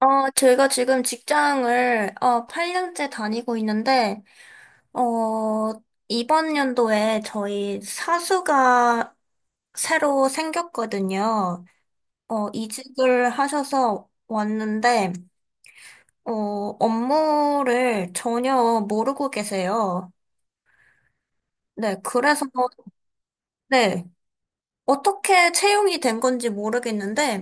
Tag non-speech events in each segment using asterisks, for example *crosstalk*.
제가 지금 직장을, 8년째 다니고 있는데, 어, 이번 연도에 저희 사수가 새로 생겼거든요. 이직을 하셔서 왔는데, 어, 업무를 전혀 모르고 계세요. 네, 그래서, 네, 어떻게 채용이 된 건지 모르겠는데,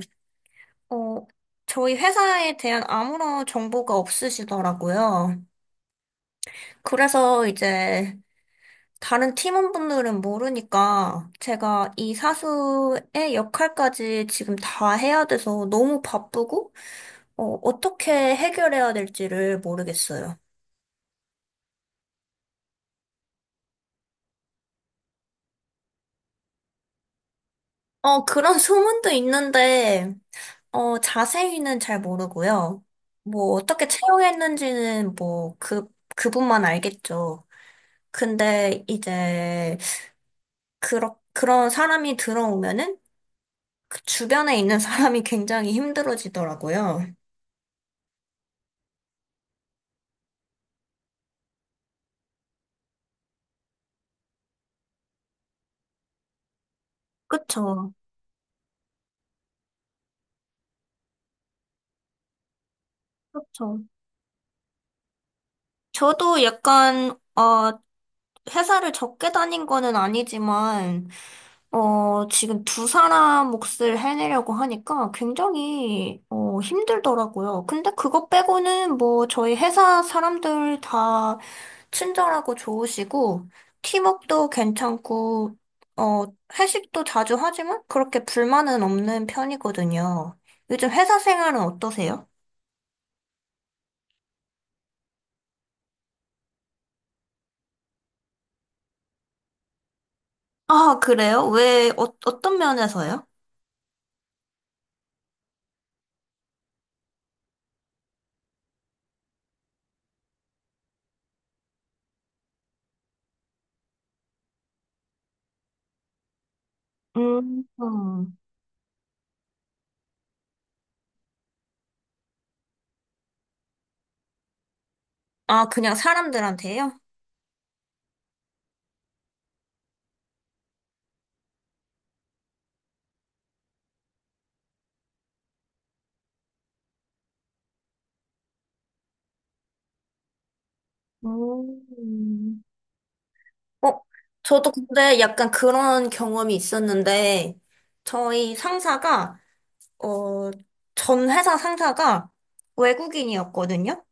어, 저희 회사에 대한 아무런 정보가 없으시더라고요. 그래서 이제, 다른 팀원분들은 모르니까 제가 이 사수의 역할까지 지금 다 해야 돼서 너무 바쁘고, 어떻게 해결해야 될지를 모르겠어요. 그런 소문도 있는데, 자세히는 잘 모르고요. 어떻게 채용했는지는 그분만 알겠죠. 근데 이제, 그런 사람이 들어오면은 그 주변에 있는 사람이 굉장히 힘들어지더라고요. 그쵸. 그쵸. 저도 약간, 어, 회사를 적게 다닌 거는 아니지만, 지금 두 사람 몫을 해내려고 하니까 굉장히, 힘들더라고요. 근데 그거 빼고는 뭐 저희 회사 사람들 다 친절하고 좋으시고, 팀워크도 괜찮고, 어, 회식도 자주 하지만 그렇게 불만은 없는 편이거든요. 요즘 회사 생활은 어떠세요? 아, 그래요? 어떤 면에서요? 음, 음. 아, 그냥 사람들한테요? 음. 어, 저도 근데 약간 그런 경험이 있었는데, 저희 상사가, 어, 전 회사 상사가 외국인이었거든요?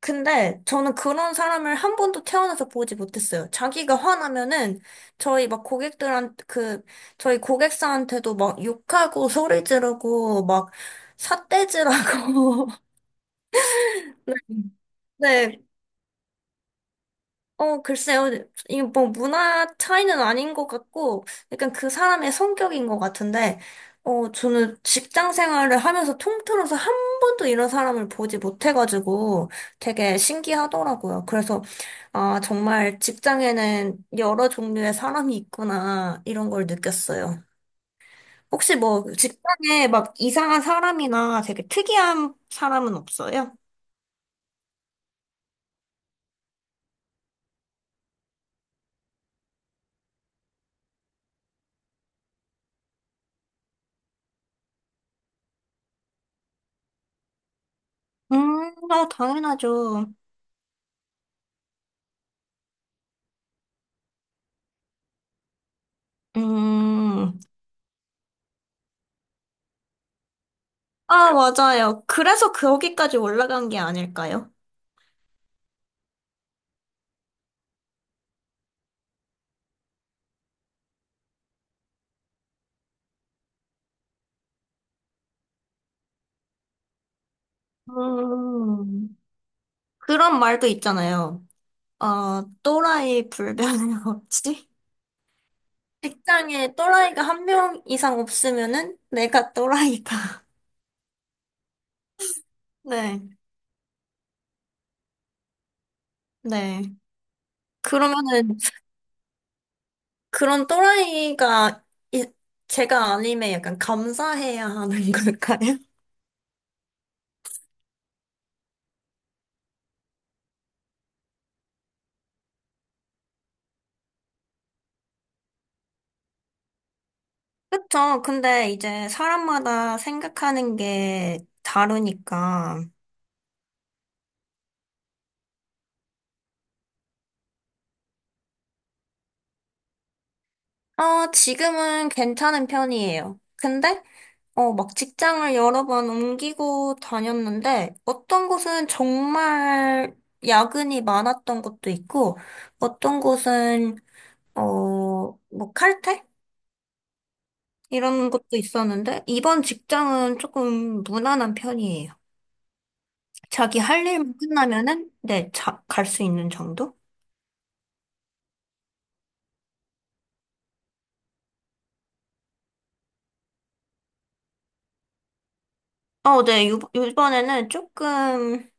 근데 저는 그런 사람을 한 번도 태어나서 보지 못했어요. 자기가 화나면은 저희 막 고객들한, 그, 저희 고객사한테도 막 욕하고 소리 지르고 막 삿대질하고, *laughs* 네, 글쎄요. 이게 뭐 문화 차이는 아닌 것 같고, 약간 그 사람의 성격인 것 같은데, 저는 직장 생활을 하면서 통틀어서 한 번도 이런 사람을 보지 못해가지고 되게 신기하더라고요. 그래서, 아, 정말 직장에는 여러 종류의 사람이 있구나, 이런 걸 느꼈어요. 혹시 뭐 직장에 막 이상한 사람이나 되게 특이한 사람은 없어요? 당연하죠. 음. 아, 맞아요. 그래서 거기까지 올라간 게 아닐까요? 음, 그런 말도 있잖아요. 어, 또라이 불변의 *laughs* 법칙? 책장에 또라이가 한 명 이상 없으면은 내가 또라이다. *laughs* 네, 네. 그러면은 그런 또라이가 이- 제가 아님에 약간 감사해야 하는 *laughs* 걸까요? 그쵸. 근데 이제 사람마다 생각하는 게 다르니까. 지금은 괜찮은 편이에요. 막 직장을 여러 번 옮기고 다녔는데, 어떤 곳은 정말 야근이 많았던 것도 있고, 어떤 곳은, 뭐 칼퇴? 이런 것도 있었는데, 이번 직장은 조금 무난한 편이에요. 자기 할 일만 끝나면은, 네, 자, 갈 수 있는 정도? 네, 요번에는 조금,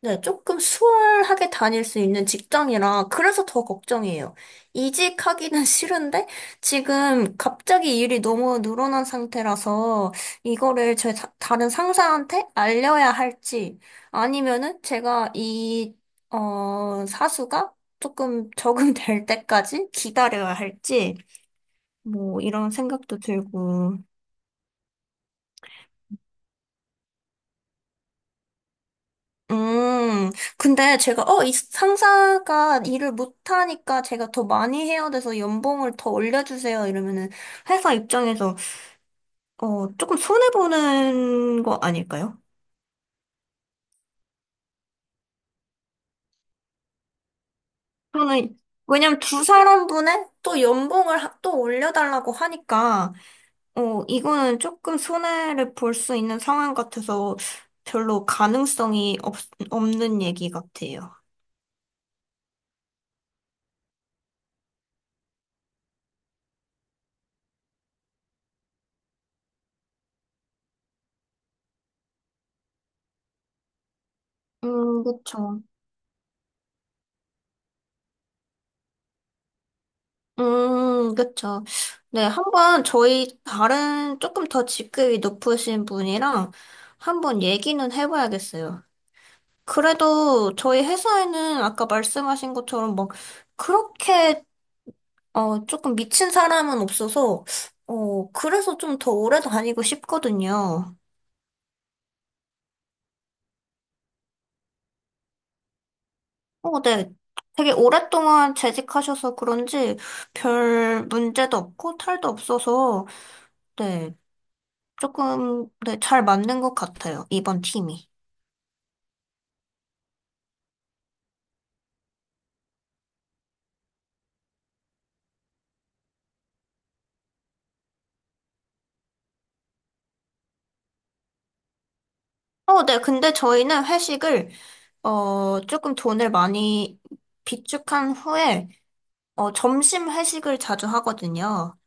네, 조금 수월하게 다닐 수 있는 직장이라 그래서 더 걱정이에요. 이직하기는 *laughs* 싫은데 지금 갑자기 일이 너무 늘어난 상태라서 이거를 제 다른 상사한테 알려야 할지 아니면은 사수가 조금 *laughs* 적응될 때까지 기다려야 할지 뭐 이런 생각도 들고 음, 근데 이 상사가 일을 못하니까 제가 더 많이 해야 돼서 연봉을 더 올려주세요. 이러면은 회사 입장에서, 조금 손해보는 거 아닐까요? 저는, 왜냐면 두 사람분의 또 연봉을 또 올려달라고 하니까, 이거는 조금 손해를 볼 수 있는 상황 같아서 별로 가능성이 없, 없는 얘기 같아요. 그쵸. 그쵸. 네, 한번 저희 다른 조금 더 직급이 높으신 분이랑 한번 얘기는 해봐야겠어요. 그래도 저희 회사에는 아까 말씀하신 것처럼 막 그렇게 조금 미친 사람은 없어서 그래서 좀 더 오래 다니고 싶거든요. 어, 네. 되게 오랫동안 재직하셔서 그런지 별 문제도 없고 탈도 없어서 네. 조금, 네, 잘 맞는 것 같아요, 이번 팀이. 어, 네, 근데 저희는 회식을, 조금 돈을 많이 비축한 후에, 점심 회식을 자주 하거든요.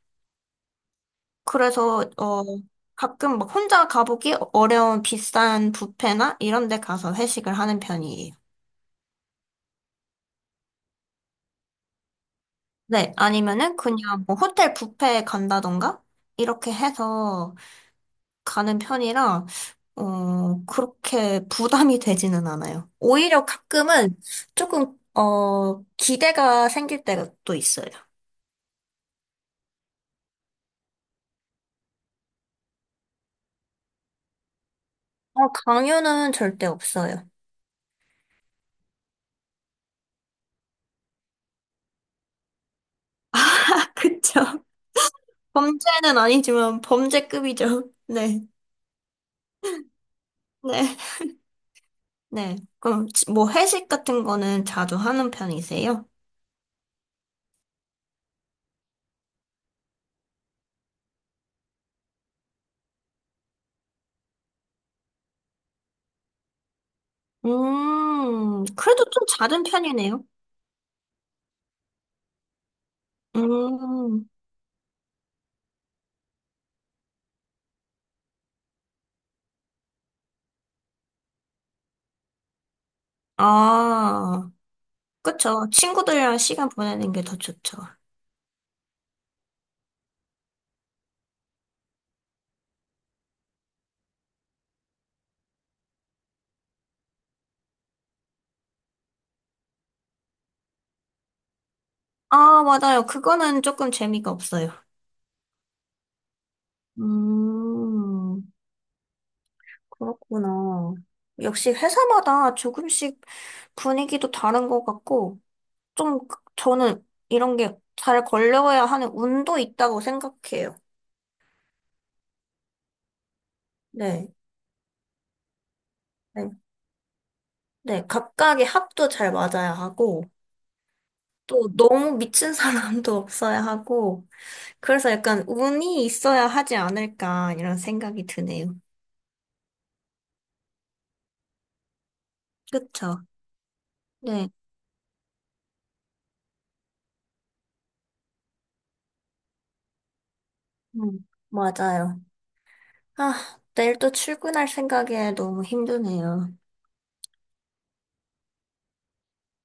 그래서, 어, 가끔 막 혼자 가보기 어려운 비싼 뷔페나 이런 데 가서 회식을 하는 편이에요. 네, 아니면은 그냥 뭐 호텔 뷔페에 간다던가, 이렇게 해서 가는 편이라, 그렇게 부담이 되지는 않아요. 오히려 가끔은 조금, 기대가 생길 때가 또 있어요. 강요는 절대 없어요. 아, *laughs* 그쵸. 범죄는 아니지만 범죄급이죠. 네, 네, 네. 그럼 뭐 회식 같은 거는 자주 하는 편이세요? 그래도 좀 잦은 편이네요. 음, 아, 그쵸. 친구들이랑 시간 보내는 게 더 좋죠. 아, 맞아요. 그거는 조금 재미가 없어요. 음, 그렇구나. 역시 회사마다 조금씩 분위기도 다른 것 같고, 저는 이런 게 잘 걸려야 하는 운도 있다고 생각해요. 네. 네. 네. 각각의 합도 잘 맞아야 하고, 또 너무 미친 사람도 *laughs* 없어야 하고, 그래서 약간 운이 있어야 하지 않을까, 이런 생각이 드네요. 그쵸? 네. 음, 맞아요. 아, 내일 또 출근할 생각에 너무 힘드네요.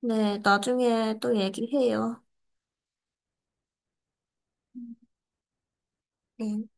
네, 나중에 또 얘기해요. 네.